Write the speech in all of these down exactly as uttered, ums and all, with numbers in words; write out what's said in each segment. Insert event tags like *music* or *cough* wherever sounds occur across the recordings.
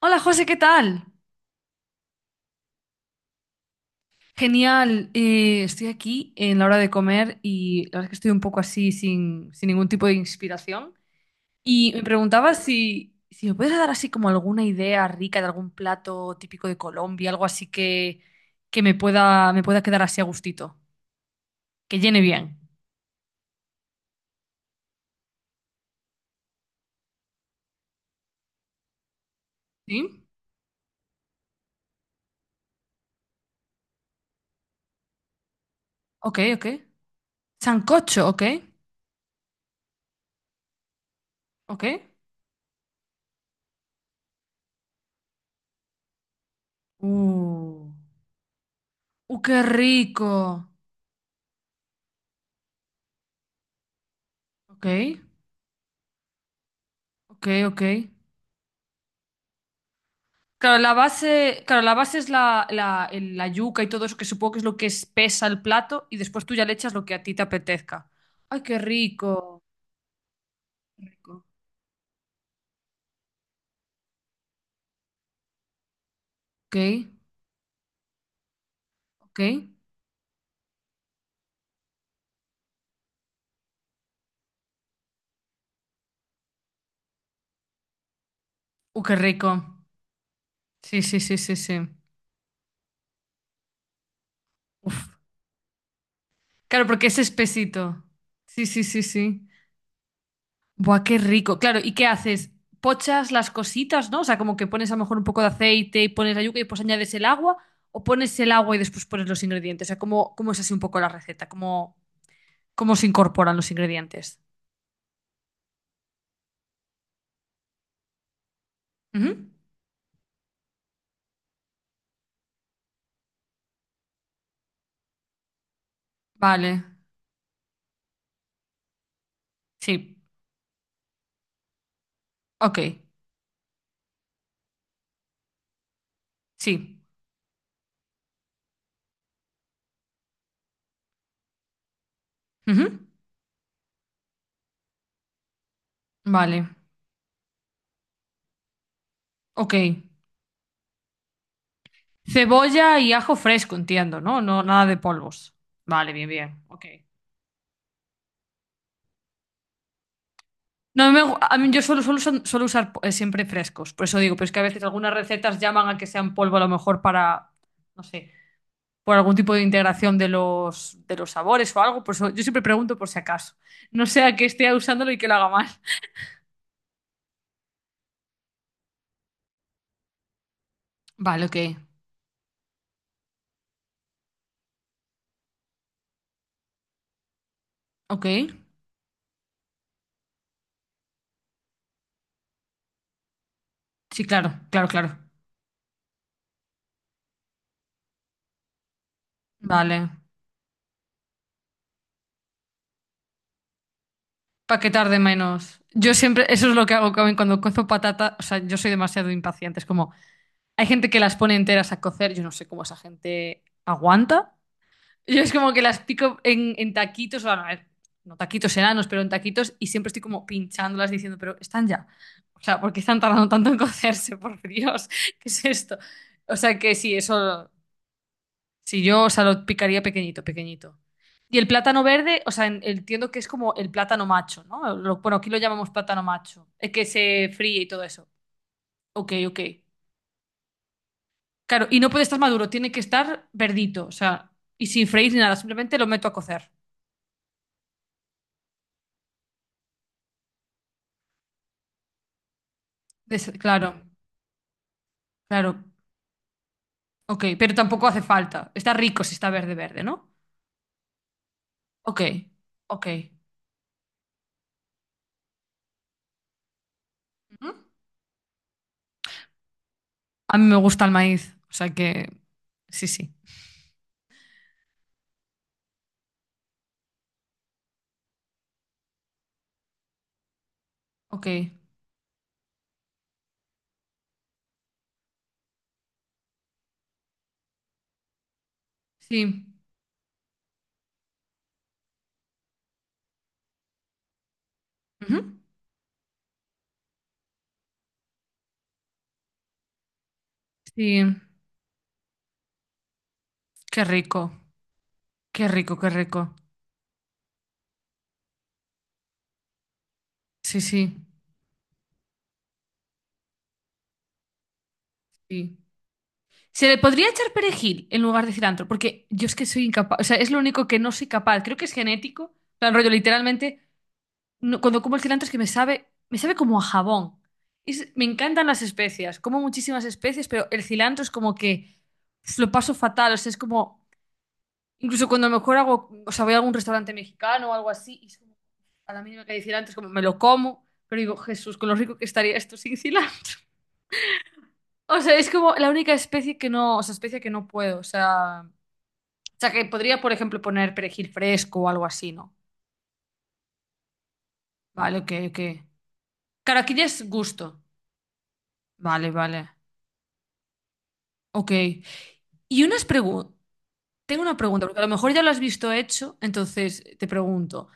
Hola José, ¿qué tal? Genial, eh, estoy aquí en la hora de comer y la verdad es que estoy un poco así sin, sin ningún tipo de inspiración. Y me preguntaba si, si me puedes dar así como alguna idea rica de algún plato típico de Colombia, algo así que, que me pueda, me pueda quedar así a gustito, que llene bien. ¿Sí? Ok, ok. Sancocho, ok, ok. Uh, uh, qué rico. Ok, ok, ok. Claro, la base, claro, la base es la, la, el- la yuca y todo eso, que supongo que es lo que espesa el plato, y después tú ya le echas lo que a ti te apetezca. ¡Ay, qué rico! Qué rico. Ok, ok. ¡Uh, qué rico! Sí, sí, sí, sí, sí. Uf. Claro, porque es espesito. Sí, sí, sí, sí. Buah, qué rico. Claro, ¿y qué haces? Pochas las cositas, ¿no? O sea, como que pones a lo mejor un poco de aceite y pones la yuca y pues añades el agua, o pones el agua y después pones los ingredientes. O sea, ¿cómo, cómo es así un poco la receta? ¿Cómo, cómo se incorporan los ingredientes? Ujú. Vale, sí, ok, sí. Ujú. Vale, ok. Cebolla y ajo fresco, entiendo, ¿no? No, nada de polvos. Vale, bien, bien, ok. No, me gu- a mí yo solo suelo, suelo, usar- suelo usar eh, siempre frescos, por eso digo, pero es que a veces algunas recetas llaman a que sean polvo a lo mejor para, no sé, por algún tipo de integración de los, de los sabores o algo, por eso yo siempre pregunto por si acaso. No sea que esté usándolo y que lo haga mal. Vale, ok, ok. Sí, claro, claro, claro. Vale. Para que tarde menos. Yo siempre, eso es lo que hago Carmen, cuando cozo patata. O sea, yo soy demasiado impaciente. Es como, hay gente que las pone enteras a cocer. Yo no sé cómo esa gente aguanta. Yo es como que las pico en, en taquitos. Bueno, a ver, no taquitos enanos, pero en taquitos. Y siempre estoy como pinchándolas diciendo, pero están ya. O sea, ¿por qué están tardando tanto en cocerse? Por Dios, *laughs* ¿qué es esto? O sea, que sí, eso. Si yo, o sea, lo picaría pequeñito, pequeñito. Y el plátano verde, o sea, en- entiendo que es como el plátano macho, ¿no? Lo- bueno, aquí lo llamamos plátano macho, el que se fríe y todo eso. Ok, ok. Claro, y no puede estar maduro, tiene que estar verdito, o sea, y sin freír ni nada, simplemente lo meto a cocer. Des- claro, claro. Ok, pero tampoco hace falta. Está rico si está verde, verde, ¿no? Ok, ok. Ujú. A mí me gusta el maíz, o sea que sí, sí. Ok, sí. Ujú. Sí. Qué rico, qué rico, qué rico. Sí, sí, sí. Se le podría echar perejil en lugar de cilantro, porque yo es que soy incapaz, o sea, es lo único que no soy capaz. Creo que es genético, en plan, rollo, literalmente, no- cuando como el cilantro es que me sabe, me sabe como a jabón. Es- me encantan las especias, como muchísimas especias, pero el cilantro es como que uf, lo paso fatal, o sea, es como, incluso cuando a lo mejor hago, o sea, voy a algún restaurante mexicano o algo así, y es como, a la mínima que hay cilantro, es como, me lo como, pero digo, Jesús, con lo rico que estaría esto sin *laughs* cilantro. O sea, es como la única especie que no, o sea, especie que no puedo. O sea, o sea, que podría, por ejemplo, poner perejil fresco o algo así, ¿no? Vale, ok, ok. Claro, aquí ya es gusto. Vale, vale. Ok. Y unas preguntas. Tengo una pregunta, porque a lo mejor ya lo has visto hecho, entonces te pregunto.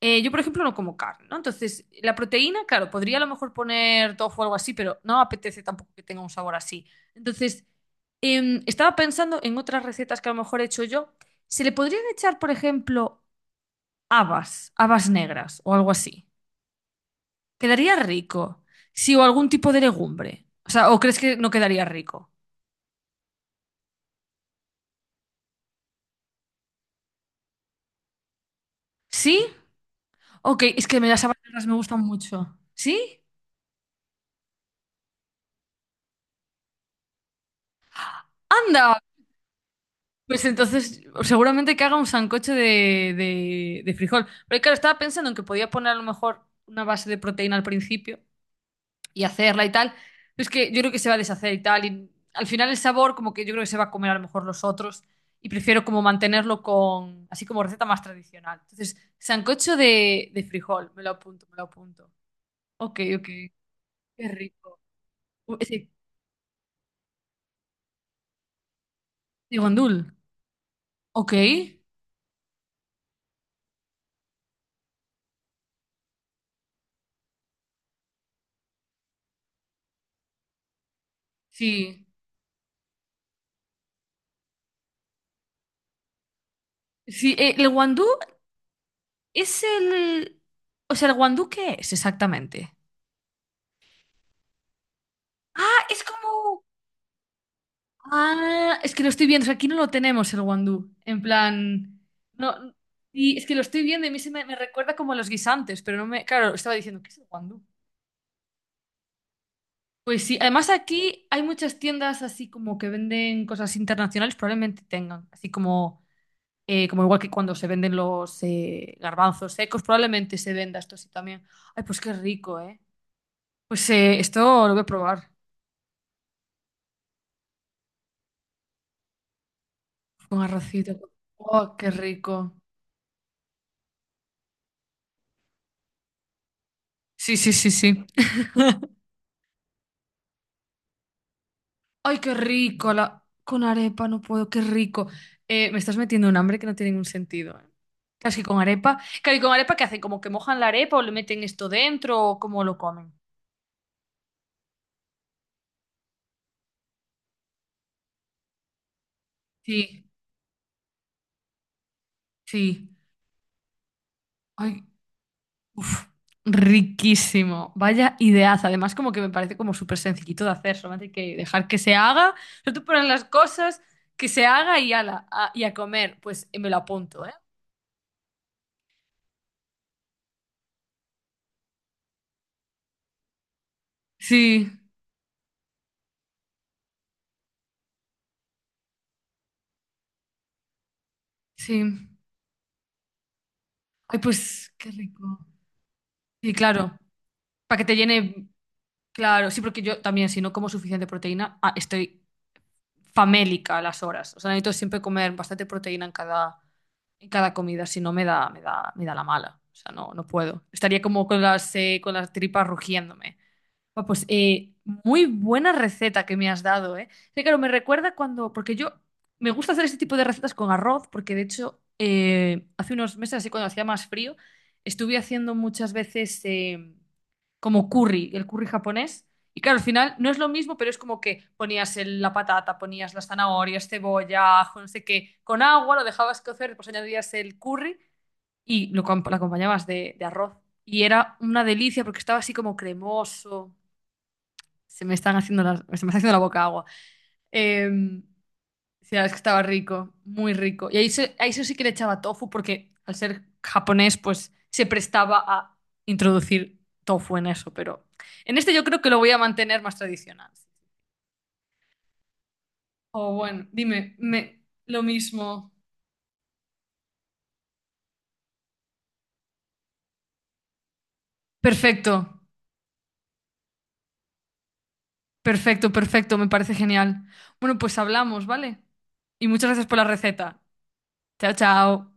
Eh, yo, por ejemplo, no como carne, ¿no? Entonces, la proteína, claro, podría a lo mejor poner tofu o algo así, pero no apetece tampoco que tenga un sabor así. Entonces, em, estaba pensando en otras recetas que a lo mejor he hecho yo. ¿Se le podrían echar, por ejemplo, habas, habas negras o algo así? ¿Quedaría rico? Sí, o algún tipo de legumbre. O sea, ¿o crees que no quedaría rico? ¿Sí? Ok, es que me las habas negras me gustan mucho. ¿Sí? ¡Anda! Pues entonces, seguramente que haga un sancocho de, de, de frijol. Pero claro, estaba pensando en que podía poner a lo mejor una base de proteína al principio y hacerla y tal. Pero es que yo creo que se va a deshacer y tal. Y al final el sabor, como que yo creo que se va a comer a lo mejor los otros. Y prefiero como mantenerlo con, así como receta más tradicional. Entonces, sancocho de, de frijol, me lo apunto, me lo apunto. Ok, ok, qué rico. Uh, ese- ¿De guandul? Ok, sí. Sí, eh, el guandú. Es el... O sea, ¿el guandú qué es exactamente? Ah, es como... Ah, es que lo estoy viendo. O sea, aquí no lo tenemos el guandú. En plan... No... Y es que lo estoy viendo y a mí se me, me recuerda como a los guisantes, pero no me... Claro, estaba diciendo, ¿qué es el guandú? Pues sí, además aquí hay muchas tiendas así como que venden cosas internacionales, probablemente tengan, así como, eh, como igual que cuando se venden los eh, garbanzos secos, probablemente se venda esto así también. Ay, pues qué rico, ¿eh? Pues eh, esto lo voy a probar. Con arrocito. Oh, qué rico. Sí, sí, sí, sí. Ay, qué rico. La... Con arepa no puedo, qué rico. Eh, me estás metiendo un hambre que no tiene ningún sentido. ¿Eh? Casi con arepa. Claro, ¿y con arepa qué hacen? ¿Como que mojan la arepa o le meten esto dentro o cómo lo comen? Sí, sí. Ay, uf, riquísimo. Vaya ideaza. Además, como que me parece como súper sencillito de hacer. Solamente hay que dejar que se haga. Solo tú pones las cosas, que se haga y ala, a- y a comer. Pues eh, me lo apunto, ¿eh? Sí. Sí. Ay, pues qué rico. Sí, claro. Para que te llene. Claro, sí, porque yo también, si no como suficiente proteína, ah, estoy famélica a las horas. O sea, necesito siempre comer bastante proteína en cada, en cada comida, si no me da, me da, me da la mala. O sea, no, no puedo. Estaría como con las, eh, con las tripas rugiéndome. Ah, pues eh, muy buena receta que me has dado, ¿eh? Sí, claro, me recuerda cuando, porque yo me gusta hacer este tipo de recetas con arroz, porque de hecho eh, hace unos meses, así cuando hacía más frío, estuve haciendo muchas veces eh, como curry, el curry japonés. Y claro, al final no es lo mismo, pero es como que ponías el- la patata, ponías las zanahorias, cebolla, ajo, no sé qué, con agua, lo dejabas cocer, después añadías el curry y lo, com- lo acompañabas de, de arroz. Y era una delicia porque estaba así como cremoso. Se me están haciendo las- se me está haciendo la boca agua. Em, sí, la verdad es que estaba rico, muy rico. Y a eso, a eso sí que le echaba tofu porque al ser japonés, pues se prestaba a introducir tofu en eso, pero en este yo creo que lo voy a mantener más tradicional. Oh, bueno, dime, me, lo mismo. Perfecto, perfecto, perfecto, me parece genial. Bueno, pues hablamos, ¿vale? Y muchas gracias por la receta. Chao, chao.